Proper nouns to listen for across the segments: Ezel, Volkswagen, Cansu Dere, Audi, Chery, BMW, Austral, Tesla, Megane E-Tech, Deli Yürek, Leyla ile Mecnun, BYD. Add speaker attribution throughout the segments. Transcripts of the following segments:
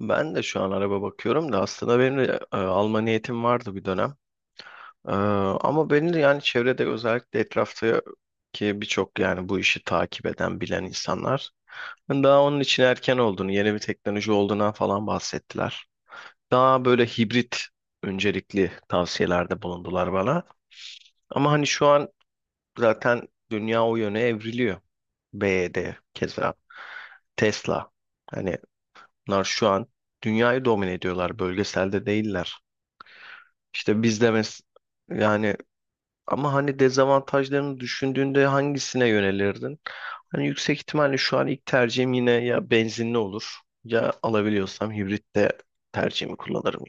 Speaker 1: Ben de şu an araba bakıyorum da aslında benim de alma niyetim vardı bir dönem. E, ama benim de yani çevrede özellikle etraftaki birçok yani bu işi takip eden bilen insanlar daha onun için erken olduğunu, yeni bir teknoloji olduğundan falan bahsettiler. Daha böyle hibrit öncelikli tavsiyelerde bulundular bana. Ama hani şu an zaten dünya o yöne evriliyor. BYD, keza Tesla. Hani bunlar şu an dünyayı domine ediyorlar, bölgeselde değiller. İşte biz de yani, ama hani dezavantajlarını düşündüğünde hangisine yönelirdin? Hani yüksek ihtimalle şu an ilk tercihim yine ya benzinli olur, ya alabiliyorsam hibrit de tercihimi kullanırım.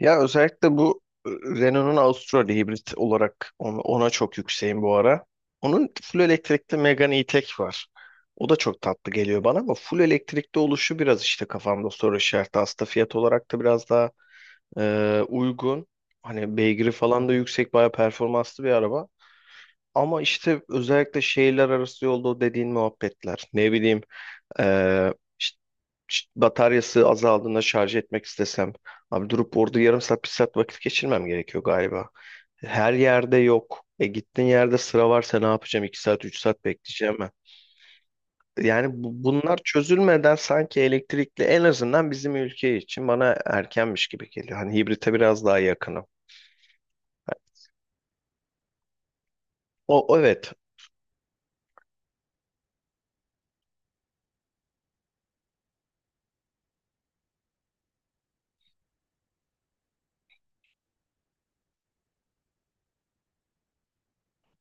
Speaker 1: Ya özellikle bu Renault'un Austral hibrit olarak, ona, ona çok yükseğim bu ara. Onun full elektrikli Megane E-Tech var. O da çok tatlı geliyor bana ama full elektrikli oluşu biraz işte kafamda soru işareti. Aslında fiyat olarak da biraz daha uygun. Hani beygiri falan da yüksek, bayağı performanslı bir araba. Ama işte özellikle şehirler arası yolda o dediğin muhabbetler. Ne bileyim ee, işte- işte bataryası azaldığında şarj etmek istesem. Abi durup orada yarım saat, bir saat vakit geçirmem gerekiyor galiba. Her yerde yok. E gittiğin yerde sıra varsa ne yapacağım? İki saat, 3 saat bekleyeceğim ben. Yani bunlar çözülmeden sanki elektrikli en azından bizim ülke için bana erkenmiş gibi geliyor. Hani hibrite biraz daha yakınım. O, evet.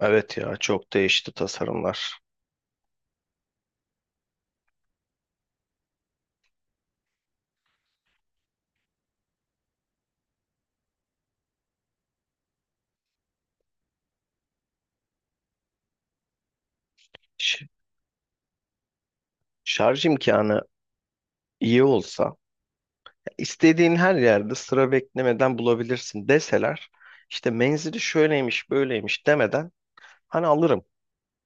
Speaker 1: Evet, ya çok değişti tasarımlar. Ş- Şarj imkanı iyi olsa, ya istediğin her yerde sıra beklemeden bulabilirsin deseler, işte menzili şöyleymiş böyleymiş demeden, hani alırım.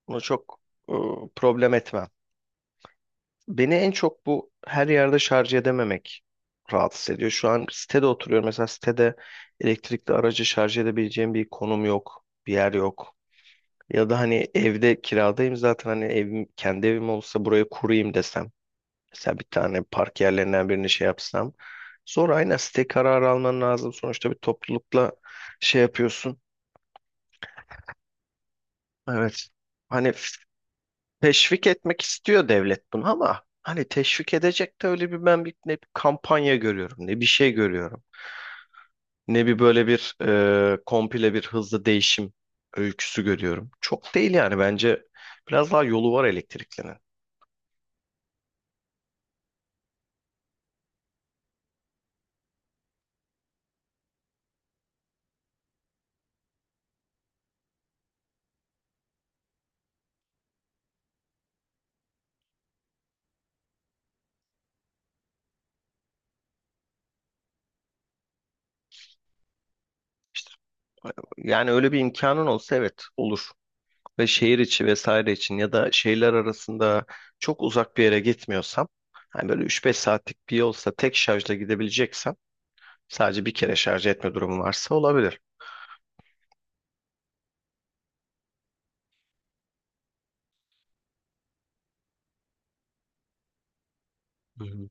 Speaker 1: Bunu çok e, problem etmem. Beni en çok bu her yerde şarj edememek rahatsız ediyor. Şu an sitede oturuyorum. Mesela sitede elektrikli aracı şarj edebileceğim bir konum yok, bir yer yok. Ya da hani evde kiradayım zaten, hani evim, kendi evim olsa buraya kurayım desem. Mesela bir tane park yerlerinden birini şey yapsam. Sonra aynen, site kararı alman lazım. Sonuçta bir toplulukla şey yapıyorsun. Evet. Hani teşvik etmek istiyor devlet bunu, ama hani teşvik edecek de öyle bir, ben bir ne bir kampanya görüyorum, ne bir şey görüyorum. Ne bir böyle bir komple bir hızlı değişim öyküsü görüyorum. Çok değil yani, bence biraz daha yolu var elektriklinin. İşte, yani öyle bir imkanın olsa evet, olur. Ve şehir içi vesaire için, ya da şehirler arasında çok uzak bir yere gitmiyorsam, hani böyle 3-5 saatlik bir yolsa, tek şarjla gidebileceksem, sadece bir kere şarj etme durumu varsa, olabilir. Hı hı.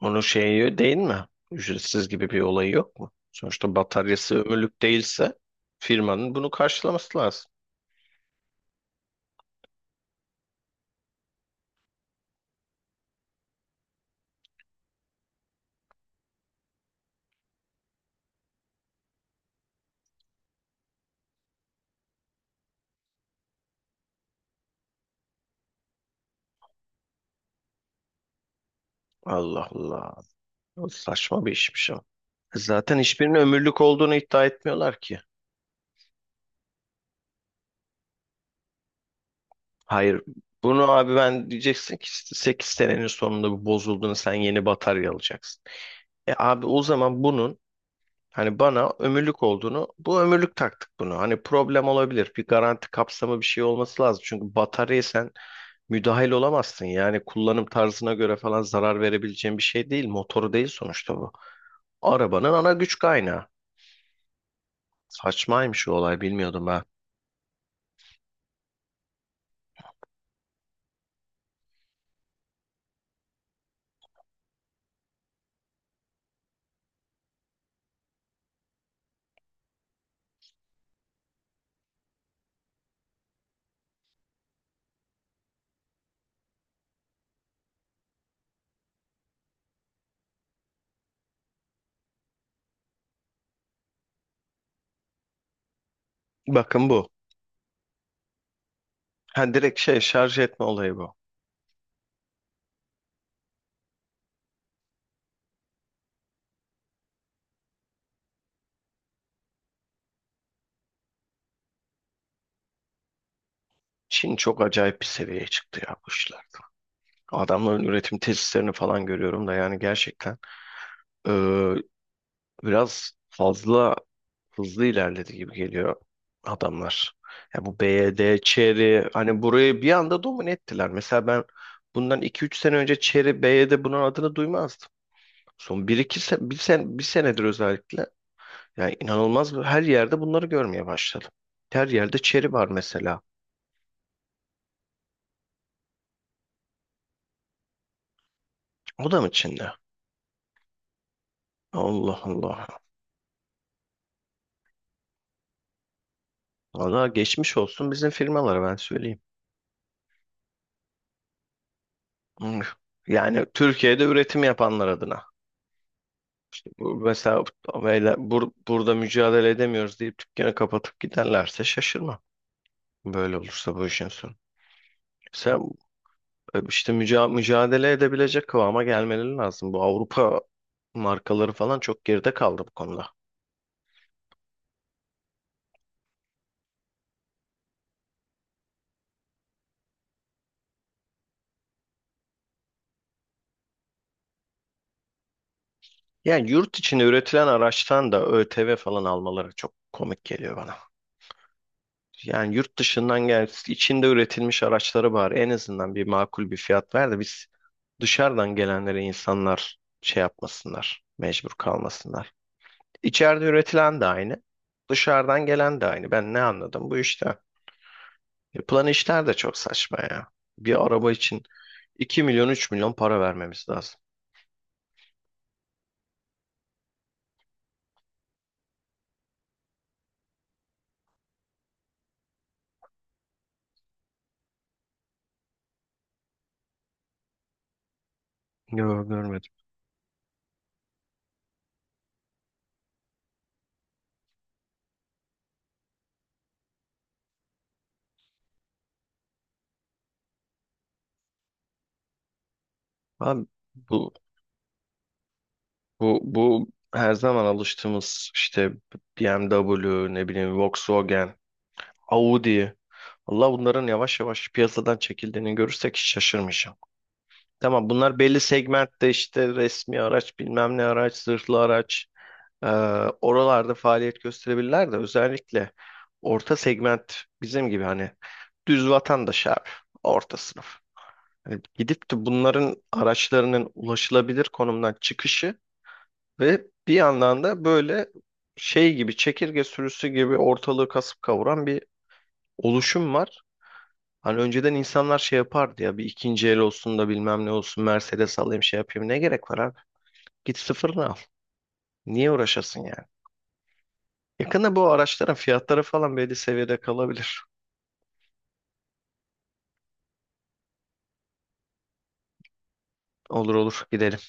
Speaker 1: Onun şeyi değil mi? Ücretsiz gibi bir olayı yok mu? Sonuçta bataryası ömürlük değilse firmanın bunu karşılaması lazım. Allah Allah. O saçma bir işmiş o. Zaten hiçbirinin ömürlük olduğunu iddia etmiyorlar ki. Hayır. Bunu, abi ben diyeceksin ki 8 senenin sonunda bu bozulduğunu sen yeni batarya alacaksın. E abi, o zaman bunun, hani bana ömürlük olduğunu, bu ömürlük taktık bunu. Hani problem olabilir. Bir garanti kapsamı, bir şey olması lazım. Çünkü bataryayı sen müdahil olamazsın. Yani kullanım tarzına göre falan zarar verebileceğin bir şey değil. Motoru değil sonuçta bu. Arabanın ana güç kaynağı. Saçmaymış o olay, bilmiyordum ben. Bakın bu. Ha, direkt şey, şarj etme olayı bu. Çin çok acayip bir seviyeye çıktı ya bu işlerde. Adamların üretim tesislerini falan görüyorum da, yani gerçekten eee, biraz fazla hızlı ilerledi gibi geliyor adamlar. Ya bu BYD. Chery, hani burayı bir anda domine ettiler. Mesela ben bundan iki üç sene önce Chery, BYD bunun adını duymazdım. Son bir iki sene, bir senedir özellikle, yani inanılmaz her yerde bunları görmeye başladım. Her yerde Chery var mesela. O da mı Çin'de? Allah Allah. Valla geçmiş olsun bizim firmalara, ben söyleyeyim. Hmm. Yani Türkiye'de üretim yapanlar adına. Mesela böyle burada mücadele edemiyoruz deyip dükkanı kapatıp giderlerse şaşırma. Böyle olursa bu işin sonu. Sen işte mücadele edebilecek kıvama gelmeleri lazım. Bu Avrupa markaları falan çok geride kaldı bu konuda. Yani yurt içinde üretilen araçtan da ÖTV falan almaları çok komik geliyor bana. Yani yurt dışından içinde üretilmiş araçları bari en azından bir makul bir fiyat ver de biz dışarıdan gelenlere, insanlar şey yapmasınlar, mecbur kalmasınlar. İçeride üretilen de aynı, dışarıdan gelen de aynı. Ben ne anladım bu işten? Yapılan işler de çok saçma ya. Bir araba için 2 milyon, 3 milyon para vermemiz lazım. Yok, görmedim. Abi bu bu her zaman alıştığımız işte BMW, ne bileyim Volkswagen, Audi. Allah, bunların yavaş yavaş piyasadan çekildiğini görürsek hiç şaşırmayacağım. Tamam, bunlar belli segmentte işte resmi araç, bilmem ne araç, zırhlı araç, e, oralarda faaliyet gösterebilirler de, özellikle orta segment, bizim gibi hani düz vatandaş abi, orta sınıf. Hani gidip de bunların araçlarının ulaşılabilir konumdan çıkışı ve bir yandan da böyle şey gibi, çekirge sürüsü gibi ortalığı kasıp kavuran bir oluşum var. Hani önceden insanlar şey yapardı ya, bir ikinci el olsun da bilmem ne olsun, Mercedes alayım şey yapayım, ne gerek var abi? Git sıfırını al. Niye uğraşasın yani? Yakında bu araçların fiyatları falan belli seviyede kalabilir. Olur olur, gidelim.